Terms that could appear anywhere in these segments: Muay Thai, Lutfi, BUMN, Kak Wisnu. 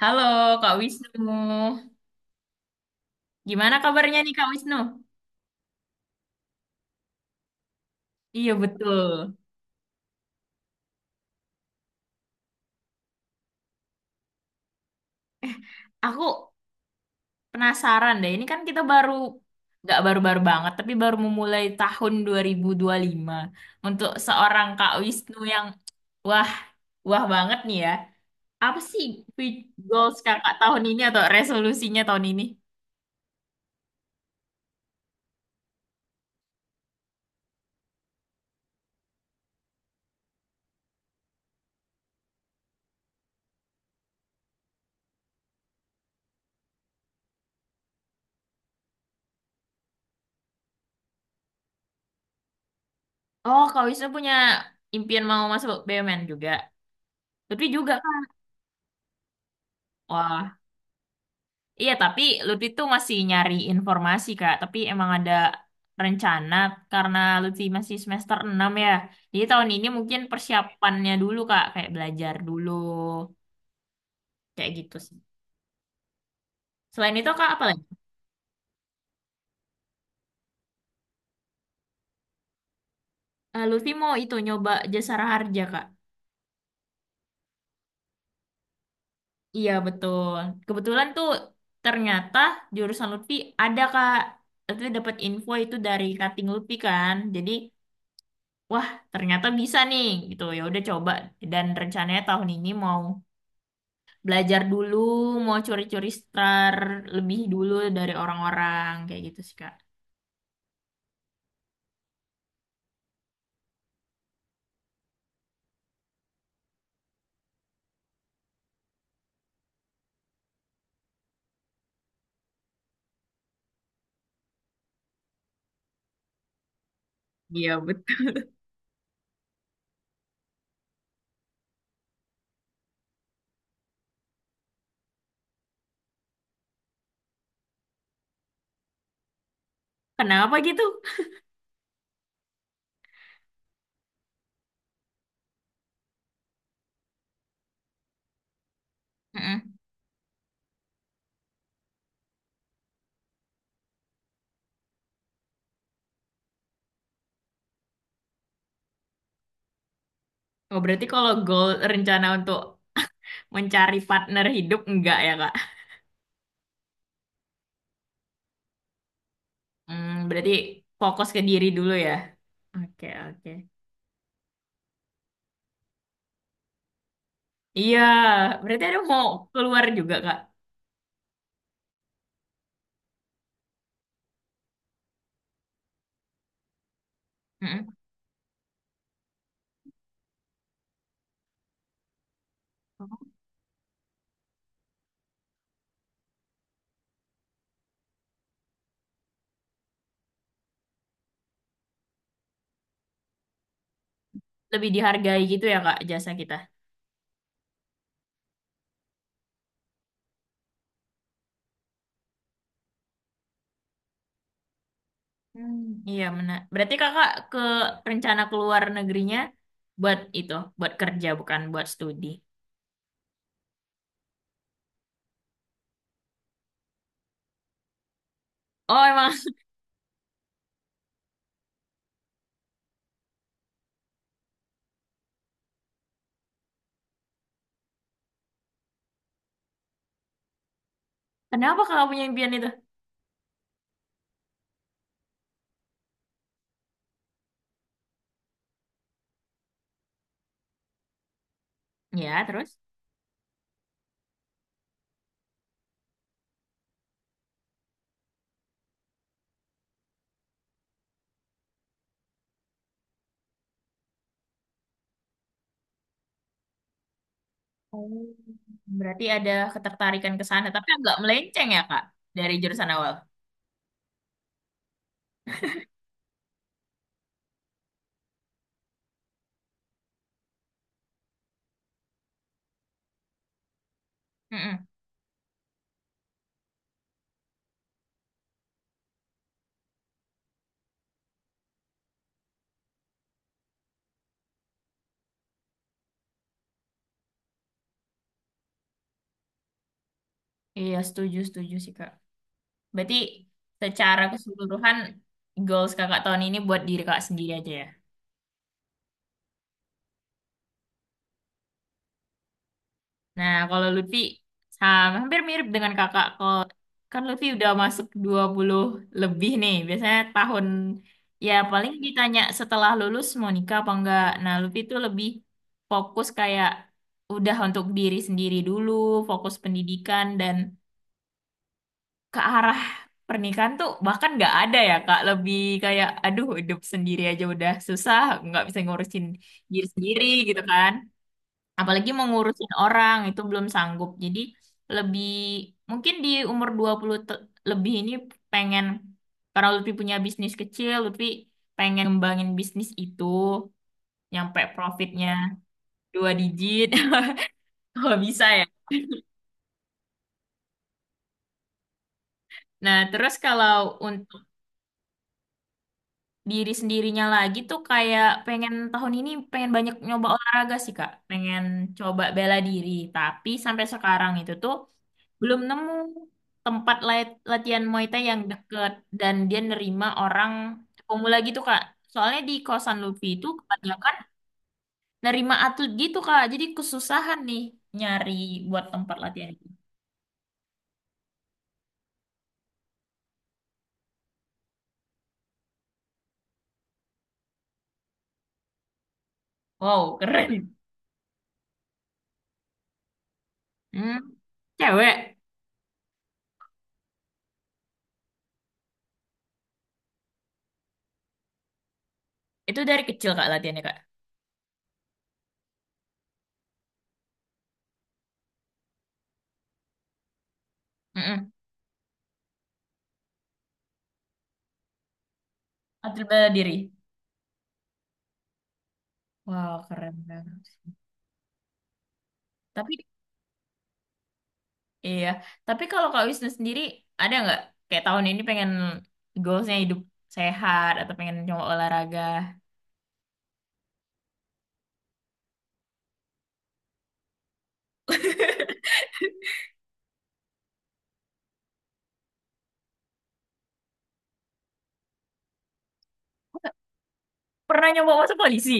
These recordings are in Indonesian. Halo Kak Wisnu, gimana kabarnya nih Kak Wisnu? Iya betul. Aku penasaran deh, ini kan kita baru, nggak baru-baru banget, tapi baru memulai tahun dua dua ribu dua puluh lima. Untuk seorang Kak Wisnu yang wah, wah banget nih ya. Apa sih fi- goals kakak tahun ini atau resolusinya tahun ini? Oh, Kak Wisnu punya impian mau masuk BUMN juga. Tapi juga Kak. Wah. Iya, tapi Lutfi tuh masih nyari informasi, Kak. Tapi emang ada rencana karena Lutfi masih semester 6 ya. Jadi tahun ini mungkin persiapannya dulu, Kak. Kayak belajar dulu, kayak gitu sih. Selain itu, Kak, apa lagi? Lutfi mau itu nyoba jasa harja, Kak. Iya, betul. Kebetulan tuh ternyata jurusan Lutfi ada, Kak. Lutfi dapat info itu dari cutting Lutfi kan. Jadi, wah, ternyata bisa nih gitu. Ya udah coba. Dan rencananya tahun ini mau belajar dulu, mau curi-curi star lebih dulu dari orang-orang kayak gitu sih Kak. Iya, betul. Kenapa gitu? Mm-mm. Oh, berarti kalau goal rencana untuk mencari partner hidup enggak ya Kak? Hmm, berarti fokus ke diri dulu ya. Oke, oke. Iya, berarti ada mau keluar juga Kak. Mm-mm. Lebih dihargai gitu ya Kak jasa kita. Hmm, iya benar. Berarti Kakak ke rencana keluar negerinya buat itu, buat kerja bukan buat studi. Oh emang, kenapa kakak punya impian itu? Ya, terus? Oh. Berarti ada ketertarikan ke sana, tapi agak melenceng ya, Kak, dari jurusan awal. Mm-mm. Iya, setuju, setuju sih, Kak. Berarti secara keseluruhan, goals kakak tahun ini buat diri kakak sendiri aja ya? Nah, kalau Lutfi sama, hampir mirip dengan kakak. Kalau kan Lutfi udah masuk 20 lebih nih. Biasanya tahun ya paling ditanya setelah lulus mau nikah apa enggak. Nah, Lutfi tuh lebih fokus kayak udah untuk diri sendiri dulu, fokus pendidikan dan ke arah pernikahan tuh bahkan nggak ada ya Kak. Lebih kayak aduh hidup sendiri aja udah susah, nggak bisa ngurusin diri sendiri gitu kan apalagi mengurusin orang itu belum sanggup. Jadi lebih mungkin di umur 20 lebih ini pengen karena Lutfi punya bisnis kecil, Lutfi pengen ngembangin bisnis itu nyampe profitnya dua digit kalau bisa ya. Nah, terus kalau untuk diri sendirinya lagi tuh kayak pengen tahun ini pengen banyak nyoba olahraga sih Kak. Pengen coba bela diri, tapi sampai sekarang itu tuh belum nemu tempat latihan Muay Thai yang deket dan dia nerima orang pemula gitu Kak. Soalnya di kosan Luffy itu kebanyakan nerima atlet gitu Kak. Jadi kesusahan nih nyari buat tempat latihan itu. Wow, keren. Hmm. Cewek. Itu dari kecil Kak latihannya Kak. Mm-mm. Atlet bela diri. Wow, keren banget. Tapi iya, tapi kalau Kak Wisnu sendiri ada nggak kayak tahun ini pengen goalsnya hidup sehat atau pengen coba olahraga? Pernah nyoba masuk polisi?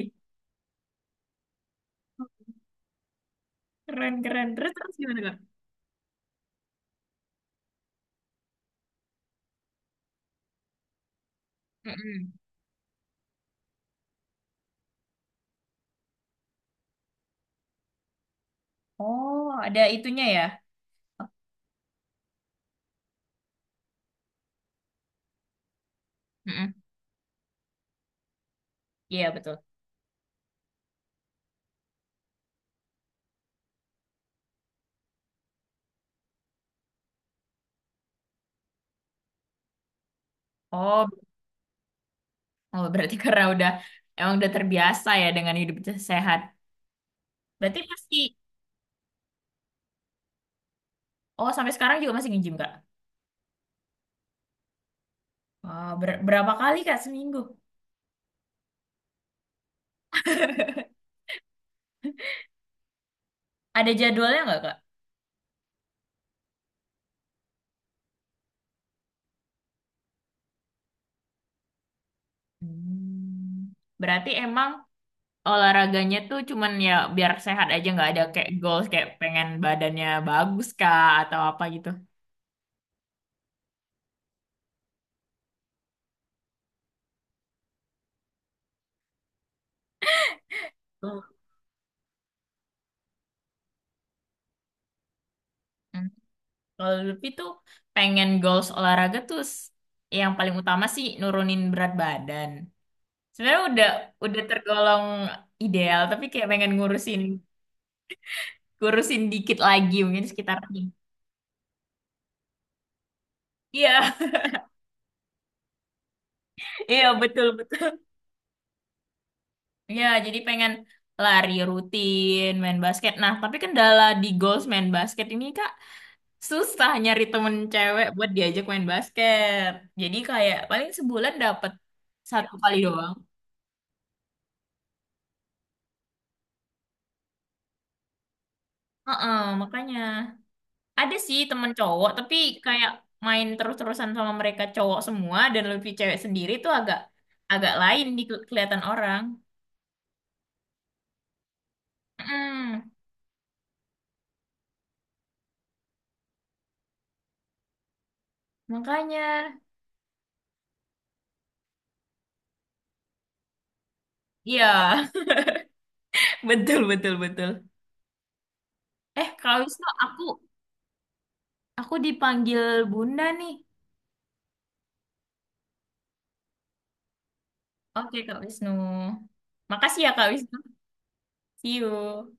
Keren, keren. Terus, terus gimana, Kak? Mm-mm. Oh, ada itunya ya? Mm-mm. Iya, betul. Oh, oh, berarti karena udah, emang udah terbiasa ya dengan hidup sehat. Berarti pasti, oh sampai sekarang juga masih nge-gym, Kak? Wah, berapa kali, Kak, seminggu? Ada jadwalnya nggak, Kak? Hmm. Berarti emang olahraganya tuh cuman ya biar sehat aja, nggak ada kayak goals, kayak pengen badannya bagus, Kak, atau apa gitu? Hmm. Kalau Lutfi tuh pengen goals olahraga tuh yang paling utama sih nurunin berat badan. Sebenarnya udah tergolong ideal, tapi kayak pengen ngurusin ngurusin dikit lagi mungkin sekitar ini. Iya, iya betul betul. Iya, jadi pengen lari rutin, main basket. Nah, tapi kendala di goals main basket ini Kak, susah nyari temen cewek buat diajak main basket. Jadi kayak paling sebulan dapet satu kali doang. Heeh, makanya. Ada sih temen cowok, tapi kayak main terus-terusan sama mereka cowok semua dan lebih cewek sendiri tuh agak agak lain di kelihatan orang. Mm, makanya. Iya, betul betul betul. Eh, Kak Wisnu, aku dipanggil Bunda nih. Oke, Kak Wisnu. Makasih ya Kak Wisnu. See you.